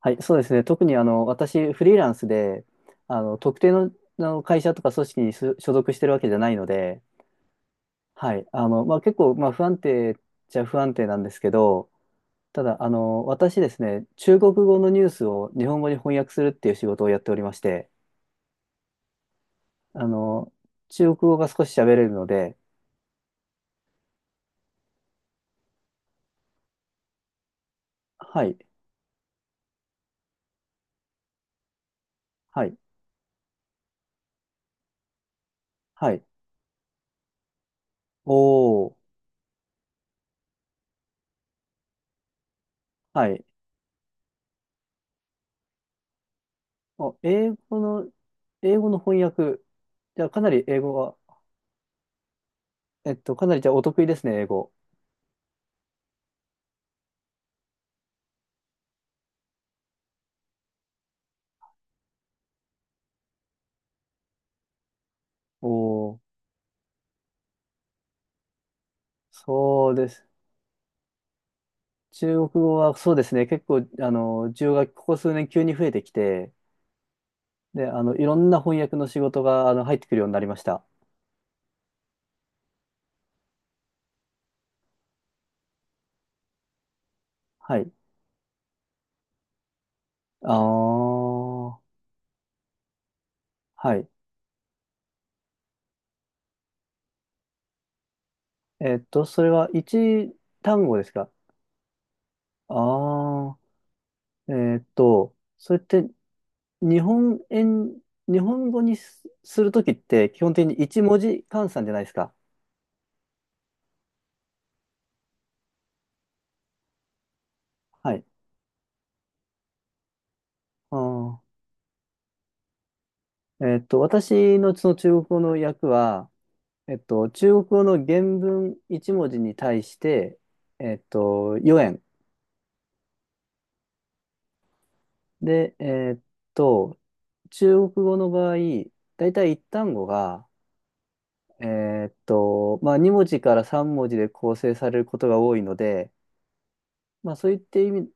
はい、そうですね。特に私、フリーランスで、特定の、会社とか組織に所属してるわけじゃないので、はい、まあ、結構、まあ、不安定っちゃ不安定なんですけど、ただ、私ですね、中国語のニュースを日本語に翻訳するっていう仕事をやっておりまして、あの中国語が少し喋れるので、はい、はい、はい、おー、はい、お、英語の翻訳、じゃあかなり英語は、かなりじゃあお得意ですね、英語。おお、そうです。中国語はそうですね、結構、需要がここ数年急に増えてきて、で、いろんな翻訳の仕事が、入ってくるようになりました。はい。ああ、はい。それは一単語ですか？ああー、それって日本円、日本語にするときって基本的に一文字換算じゃないですか。はい。ああ、私のその中国語の訳は、中国語の原文1文字に対して、4円。で、と、中国語の場合、だいたい一単語が、まあ、2文字から3文字で構成されることが多いので、まあ、そういった意味、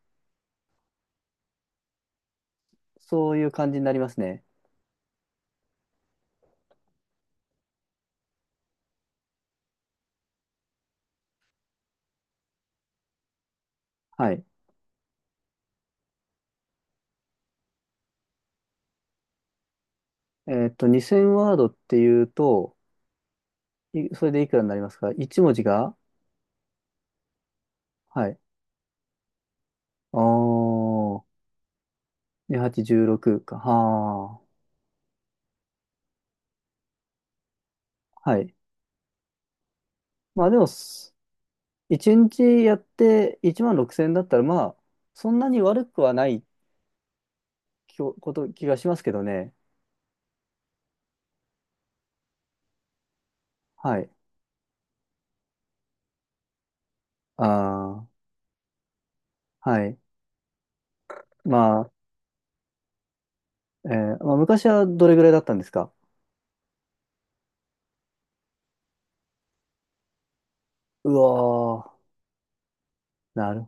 そういう感じになりますね。はい。2000ワードっていうと、それでいくらになりますか？ 1 文字が、はい。あー、2816か。はー。はい。まあでも、1日やって1万6000円だったら、まあ、そんなに悪くはないきょこと、気がしますけどね。はい。ああ、はい。まあ、まあ、昔はどれぐらいだったんですか？うわー、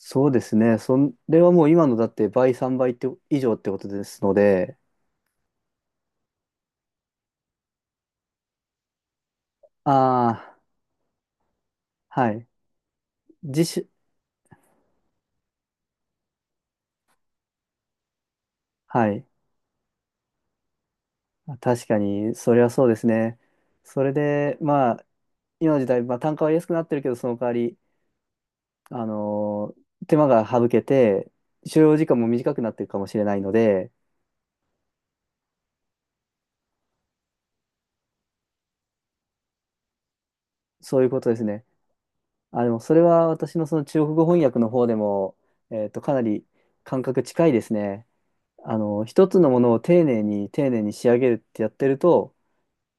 そうですね。それはもう今のだって倍、3倍って以上ってことですので、ああ、はい。自主、はい。確かに、それはそうですね。それで、まあ、今の時代、まあ、単価は安くなってるけど、その代わり、あのー手間が省けて、所要時間も短くなってるかもしれないので、そういうことですね。あ、でもそれは私のその中国語翻訳の方でも、かなり感覚近いですね。一つのものを丁寧に丁寧に仕上げるってやってると、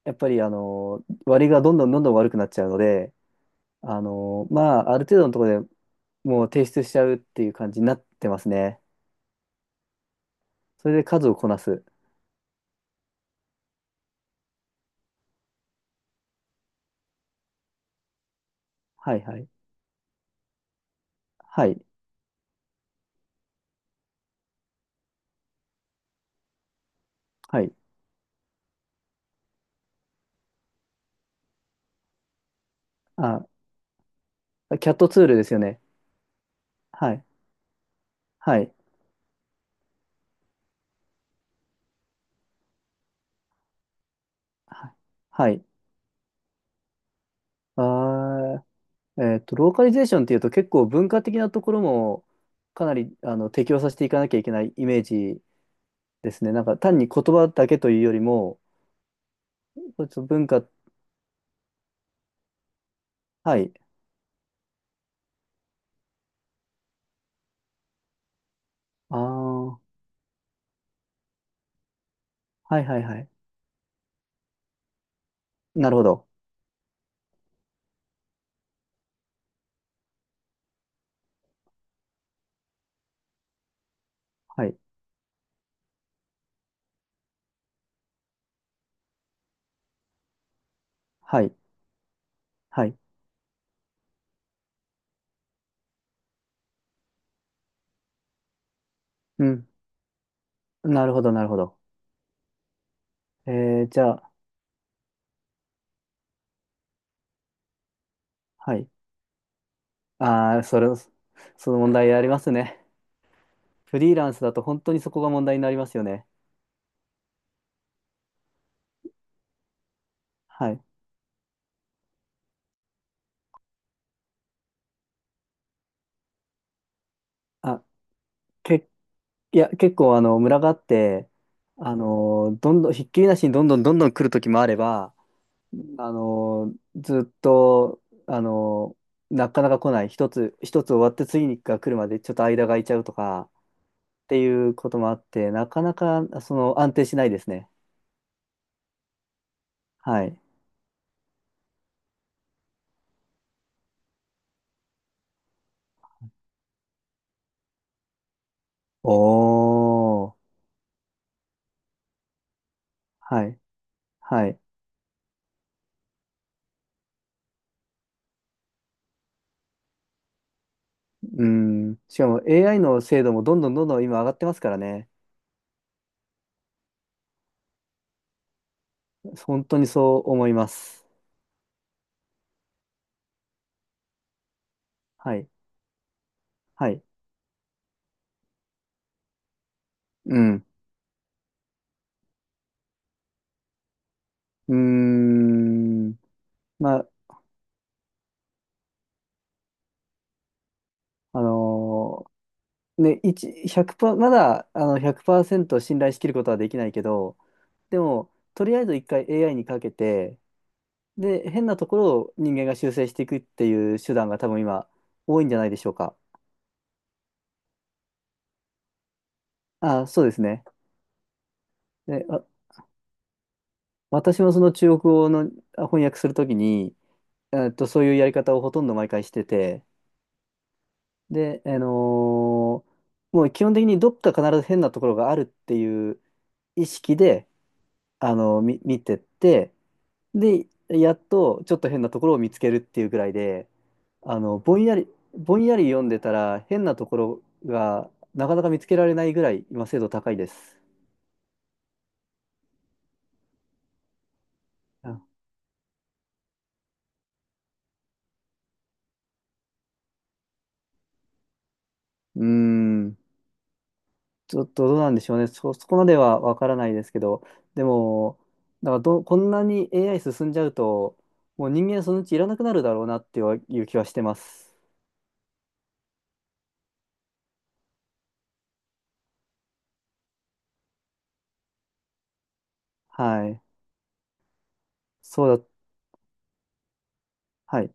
やっぱり割りがどんどんどんどん悪くなっちゃうので、まあ、ある程度のところでもう提出しちゃうっていう感じになってますね。それで数をこなす。はいはい。はい。はい。あ、キャットツールですよね。はい、はい、はい。はい、あー、ローカリゼーションっていうと結構文化的なところもかなり適応させていかなきゃいけないイメージですね。なんか単に言葉だけというよりも、ちょっと文化、はい。ああ、はいはいはい。なるほど。はい、はい、はい。うん。なるほど、なるほど。えじゃあ、はい。ああ、その問題ありますね。フリーランスだと本当にそこが問題になりますよね。はい。あ、結いや、結構村があって、どんどん、ひっきりなしにどんどんどんどん来る時もあれば、ずっと、なかなか来ない。一つ終わって次が来るまでちょっと間が空いちゃうとか、っていうこともあって、なかなか、安定しないですね。はい。おー。はい。はい。うん。しかも AI の精度もどんどんどんどん今上がってますからね。本当にそう思います。はい。はい。うん。うーん。まあ、あの一1 0まだ、100%信頼しきることはできないけど、でも、とりあえず一回 AI にかけて、で、変なところを人間が修正していくっていう手段が多分今、多いんじゃないでしょうか。あ、そうですね。で、私もその中国語の翻訳するときに、そういうやり方をほとんど毎回してて、で、もう基本的にどっか必ず変なところがあるっていう意識で、見てって、で、やっとちょっと変なところを見つけるっていうぐらいで、あの、ぼんやり、ぼんやり読んでたら変なところがなかなか見つけられないぐらい今精度高いです。あ、うーん、ちょっとどうなんでしょうね。そこまではわからないですけど、でも、なんかど、こんなに AI 進んじゃうと、もう人間そのうちいらなくなるだろうなっていう気はしてます。はい。そうだ。はい。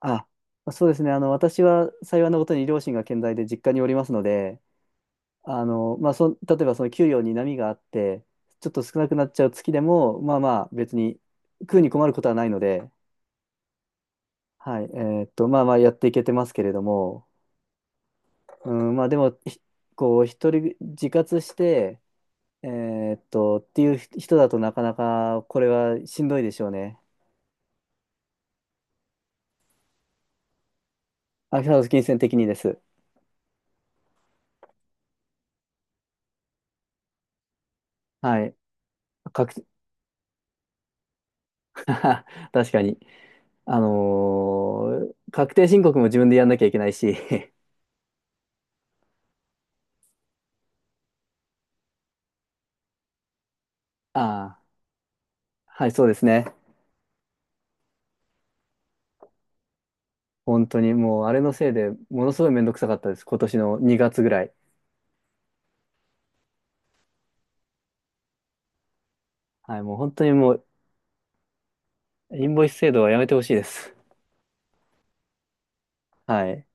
あ、そうですね。私は幸いなことに両親が健在で実家におりますので、まあ、例えばその給料に波があって、ちょっと少なくなっちゃう月でも、まあまあ別に食うに困ることはないので、はい、まあまあやっていけてますけれども、うん、まあでも、ひこう、一人自活して、っていう人だとなかなかこれはしんどいでしょうね。アキハウス金銭的にです。はい。確 確かに。確定申告も自分でやんなきゃいけないし、ああ、はい、そうですね。本当にもう、あれのせいでものすごいめんどくさかったです。今年の2月ぐらい。はい、もう本当にもう、インボイス制度はやめてほしいです。はい。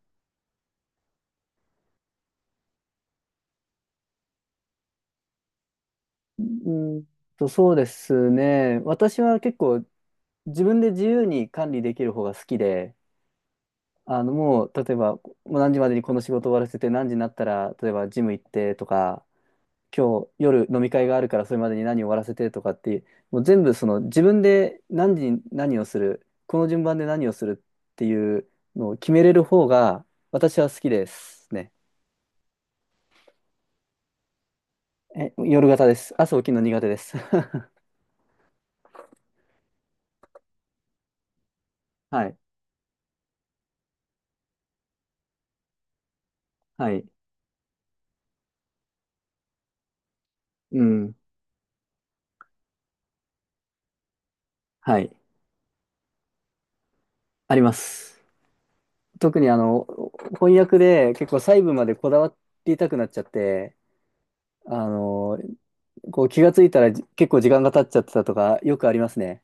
うーんそうですね。私は結構自分で自由に管理できる方が好きで、もう、例えば、もう何時までにこの仕事終わらせて、何時になったら、例えばジム行ってとか、今日夜飲み会があるからそれまでに何を終わらせてとかって、もう全部自分で何時に何をする、この順番で何をするっていうのを決めれる方が私は好きですね。え、夜型です。朝起きるの苦手です。はい。はい。うん。はい。あります。特に翻訳で結構細部までこだわりたくなっちゃって、あの、こう気がついたら結構時間が経っちゃってたとかよくありますね。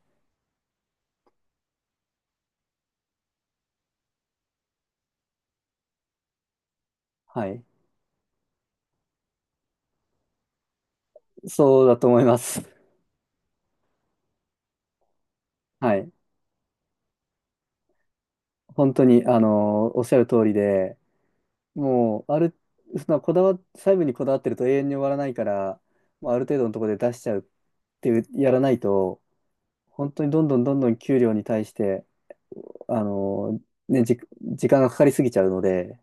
はい。そうだと思います。はい。本当に、おっしゃる通りで、もう、そのこだわ、細部にこだわってると永遠に終わらないから、もうある程度のところで出しちゃうっていう、やらないと、本当にどんどんどんどん給料に対して、あの時間がかかりすぎちゃうので、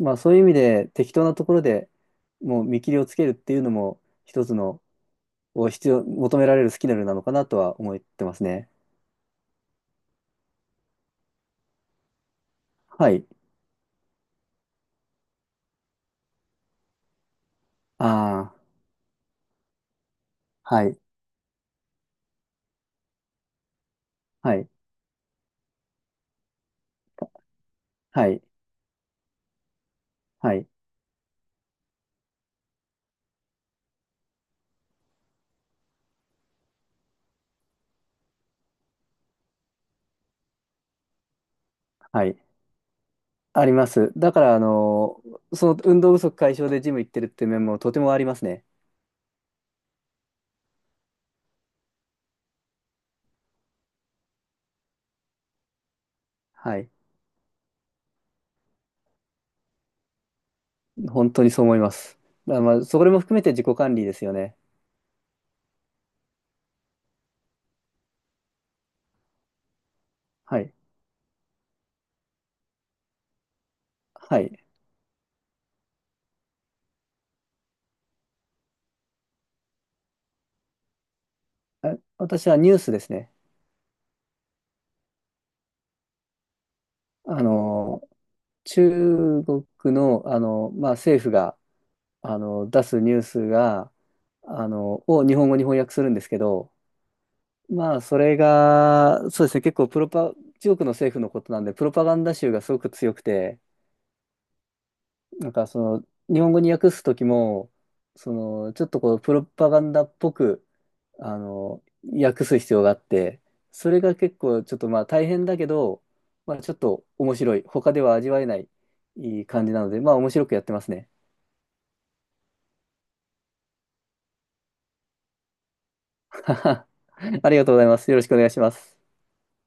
まあそういう意味で適当なところでもう見切りをつけるっていうのも一つの、を必要、求められるスキルなのかなとは思ってますね。はい。ああ、はい、はい、はい、はい、はい。あります。だから、その運動不足解消でジム行ってるって面もとてもありますね。はい。本当にそう思います。だからまあ、それも含めて自己管理ですよね。はい。はい。あ、私はニュースですね。あの、中国の、まあ、政府が、出すニュースが、あの、を日本語に翻訳するんですけど、まあ、それが、そうですね、結構プロパ、中国の政府のことなんで、プロパガンダ臭がすごく強くて、なんかその、日本語に訳すときも、ちょっとプロパガンダっぽく、あの、訳す必要があって、それが結構ちょっとまあ大変だけど、まあちょっと面白い。他では味わえない、いい感じなので、まあ面白くやってますね。ありがとうございます。よろしくお願いします。